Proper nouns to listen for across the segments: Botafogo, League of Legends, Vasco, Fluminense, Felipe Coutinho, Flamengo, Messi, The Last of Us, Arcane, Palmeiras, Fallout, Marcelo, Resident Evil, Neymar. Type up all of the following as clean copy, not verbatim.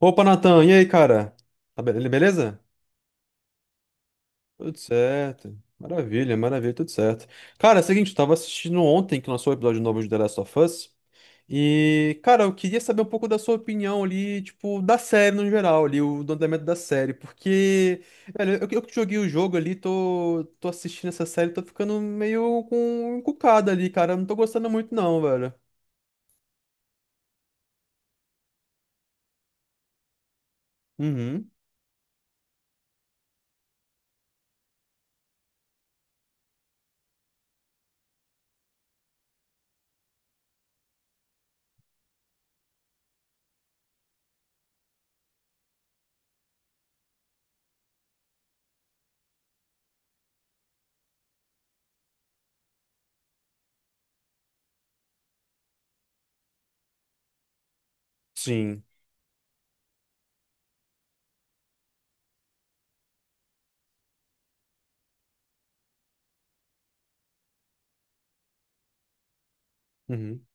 Opa, Natan, e aí, cara? Beleza? Tudo certo. Maravilha, maravilha, tudo certo. Cara, é o seguinte, eu tava assistindo ontem que lançou o episódio novo de The Last of Us. E, cara, eu queria saber um pouco da sua opinião ali, tipo, da série no geral, ali, o do andamento da série. Porque, velho, eu que joguei o jogo ali, tô assistindo essa série, tô ficando meio com encucada ali, cara. Eu não tô gostando muito, não, velho. Uhum. Sim. Uhum.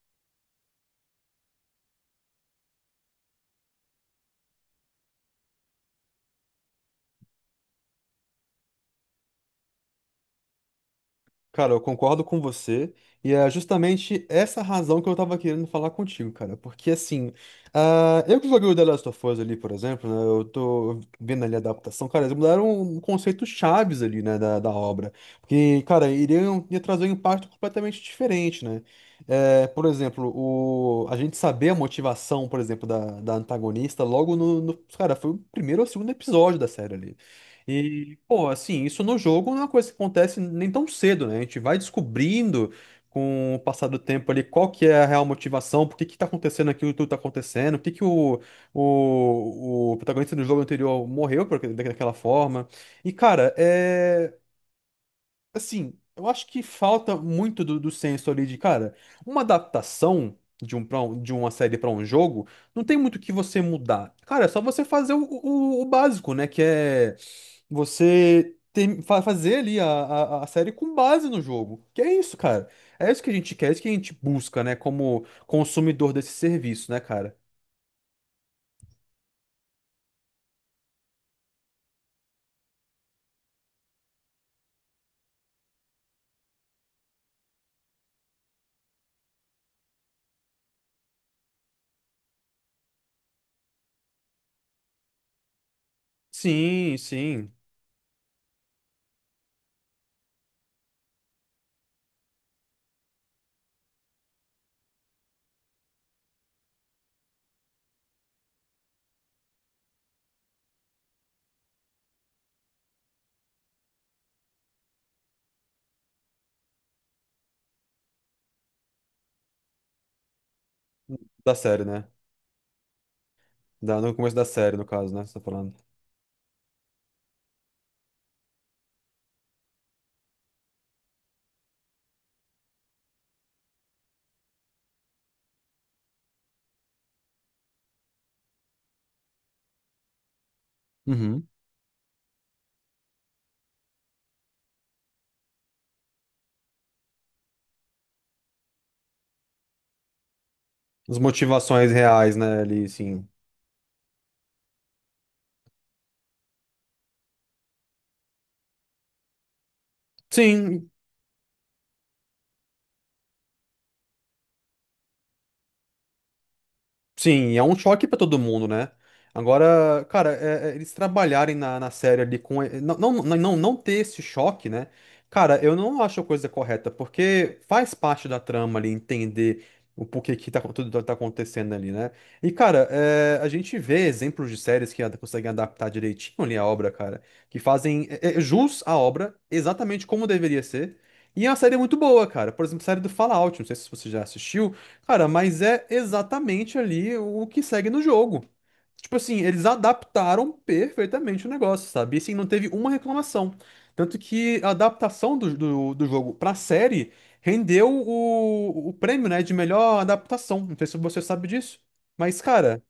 Cara, eu concordo com você, e é justamente essa razão que eu tava querendo falar contigo, cara. Porque assim, ah, eu que joguei o The Last of Us ali, por exemplo, né? Eu tô vendo ali a adaptação, cara, eles mudaram conceitos chaves ali, né, da obra. Porque, cara, iriam ia trazer um impacto completamente diferente, né? É, por exemplo, o, a gente saber a motivação, por exemplo, da antagonista logo no Cara, foi o primeiro ou segundo episódio da série ali. E, pô, assim, isso no jogo não é uma coisa que acontece nem tão cedo, né? A gente vai descobrindo com o passar do tempo ali qual que é a real motivação, por que que tá acontecendo aquilo que tudo tá acontecendo, por que que o protagonista do jogo anterior morreu por, daquela forma. E, cara, é. Assim, eu acho que falta muito do senso ali de, cara, uma adaptação de de uma série pra um jogo, não tem muito o que você mudar. Cara, é só você fazer o básico, né? Que é fazer ali a, a série com base no jogo. Que é isso, cara. É isso que a gente quer, é isso que a gente busca, né? Como consumidor desse serviço, né, cara? Sim, sim. Da série, né? Da, no começo da série, no caso, né? Você tá falando. Uhum. As motivações reais, né, ali, sim. Sim, sim, é um choque pra todo mundo, né? Agora, cara, é, eles trabalharem na, na série ali com. Não, não, não, não ter esse choque, né? Cara, eu não acho a coisa correta, porque faz parte da trama ali entender o porquê que tá, tudo tá acontecendo ali, né? E, cara, é, a gente vê exemplos de séries que conseguem adaptar direitinho ali a obra, cara, que fazem jus à obra exatamente como deveria ser. E é uma série muito boa, cara. Por exemplo, a série do Fallout, não sei se você já assistiu. Cara, mas é exatamente ali o que segue no jogo. Tipo assim, eles adaptaram perfeitamente o negócio, sabe? E assim, não teve uma reclamação. Tanto que a adaptação do jogo pra série rendeu o prêmio, né, de melhor adaptação. Não sei se você sabe disso. Mas, cara,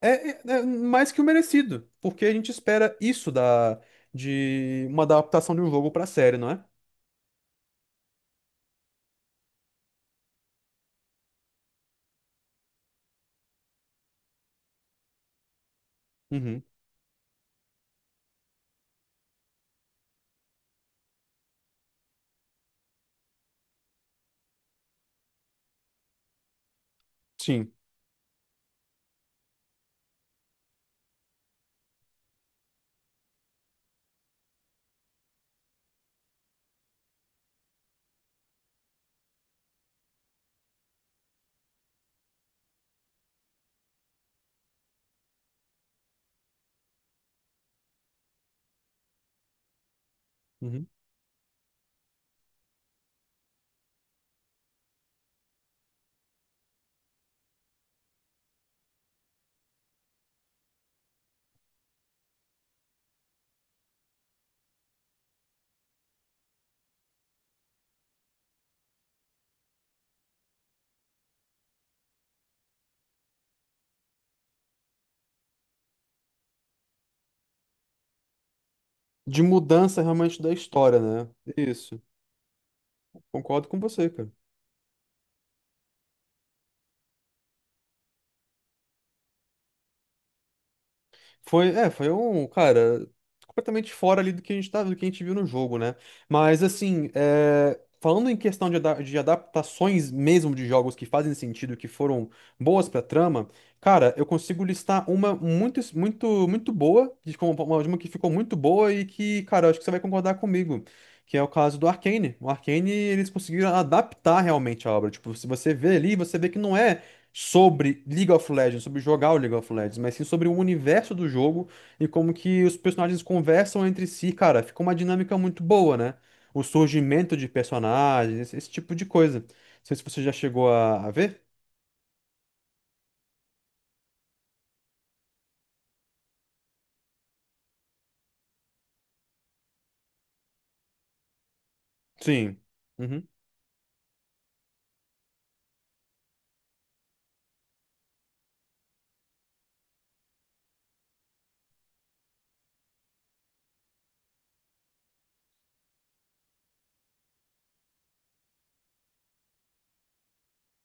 é mais que o merecido. Porque a gente espera isso da, de uma adaptação de um jogo pra série, não é? Uhum. Sim. Uhum. De mudança realmente da história, né? Isso. Concordo com você, cara. Foi, é, foi um, cara, completamente fora ali do que a gente tá, do que a gente viu no jogo, né? Mas assim, é, falando em questão de, de adaptações mesmo de jogos que fazem sentido, que foram boas pra trama, cara, eu consigo listar uma muito, muito, muito boa, de uma, de uma que ficou muito boa e que, cara, eu acho que você vai concordar comigo. Que é o caso do Arcane. O Arcane, eles conseguiram adaptar realmente a obra. Tipo, se você vê ali, você vê que não é sobre League of Legends, sobre jogar o League of Legends, mas sim sobre o universo do jogo e como que os personagens conversam entre si, cara, fica uma dinâmica muito boa, né? O surgimento de personagens, esse tipo de coisa. Não sei se você já chegou a ver. Sim. Uhum.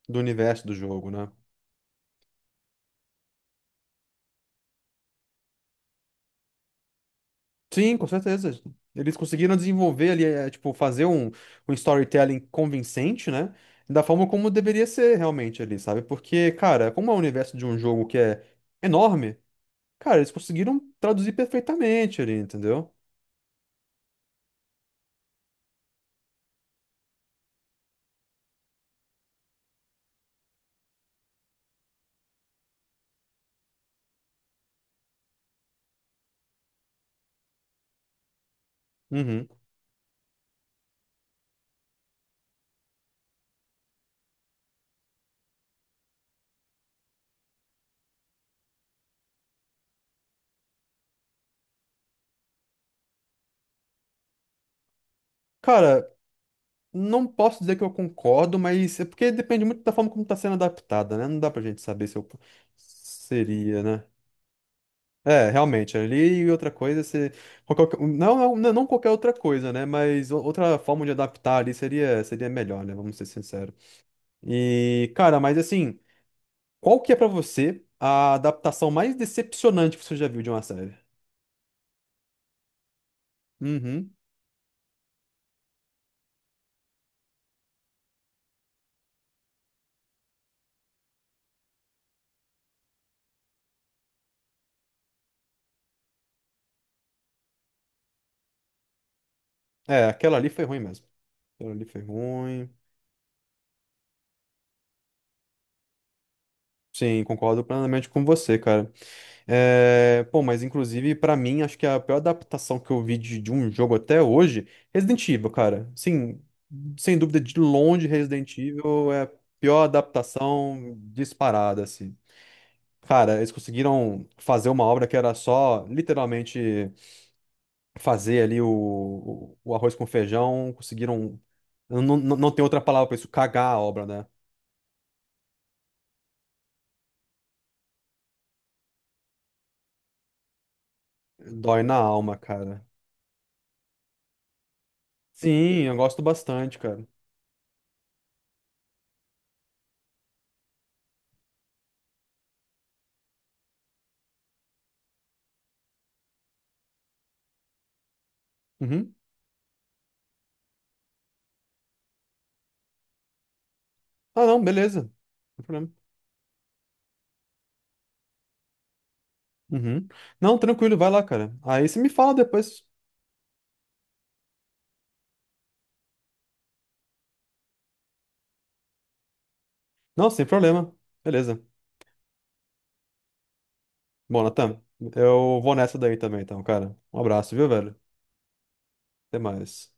Do universo do jogo, né? Sim, com certeza. Eles conseguiram desenvolver ali, eh, tipo, fazer um, um storytelling convincente, né? Da forma como deveria ser realmente ali, sabe? Porque, cara, como é o universo de um jogo que é enorme, cara, eles conseguiram traduzir perfeitamente ali, entendeu? Uhum. Cara, não posso dizer que eu concordo, mas é porque depende muito da forma como tá sendo adaptada, né? Não dá pra gente saber se eu seria, né? É, realmente, ali e outra coisa, se... não, não, não qualquer outra coisa, né? Mas outra forma de adaptar ali seria, seria melhor, né? Vamos ser sinceros. E, cara, mas assim, qual que é pra você a adaptação mais decepcionante que você já viu de uma série? Uhum. É, aquela ali foi ruim mesmo. Aquilo ali foi ruim. Sim, concordo plenamente com você, cara. É, pô, mas inclusive, pra mim, acho que a pior adaptação que eu vi de um jogo até hoje, Resident Evil, cara. Sim, sem dúvida, de longe, Resident Evil é a pior adaptação disparada, assim. Cara, eles conseguiram fazer uma obra que era só, literalmente, fazer ali o arroz com feijão, conseguiram. Não, não, não tem outra palavra pra isso, cagar a obra, né? Dói na alma, cara. Sim, eu gosto bastante, cara. Uhum. Ah, não, beleza. Não problema. Uhum. Não, tranquilo, vai lá, cara. Aí você me fala depois. Não, sem problema. Beleza. Bom, Natan, eu vou nessa daí também, então, cara. Um abraço, viu, velho? Até mais.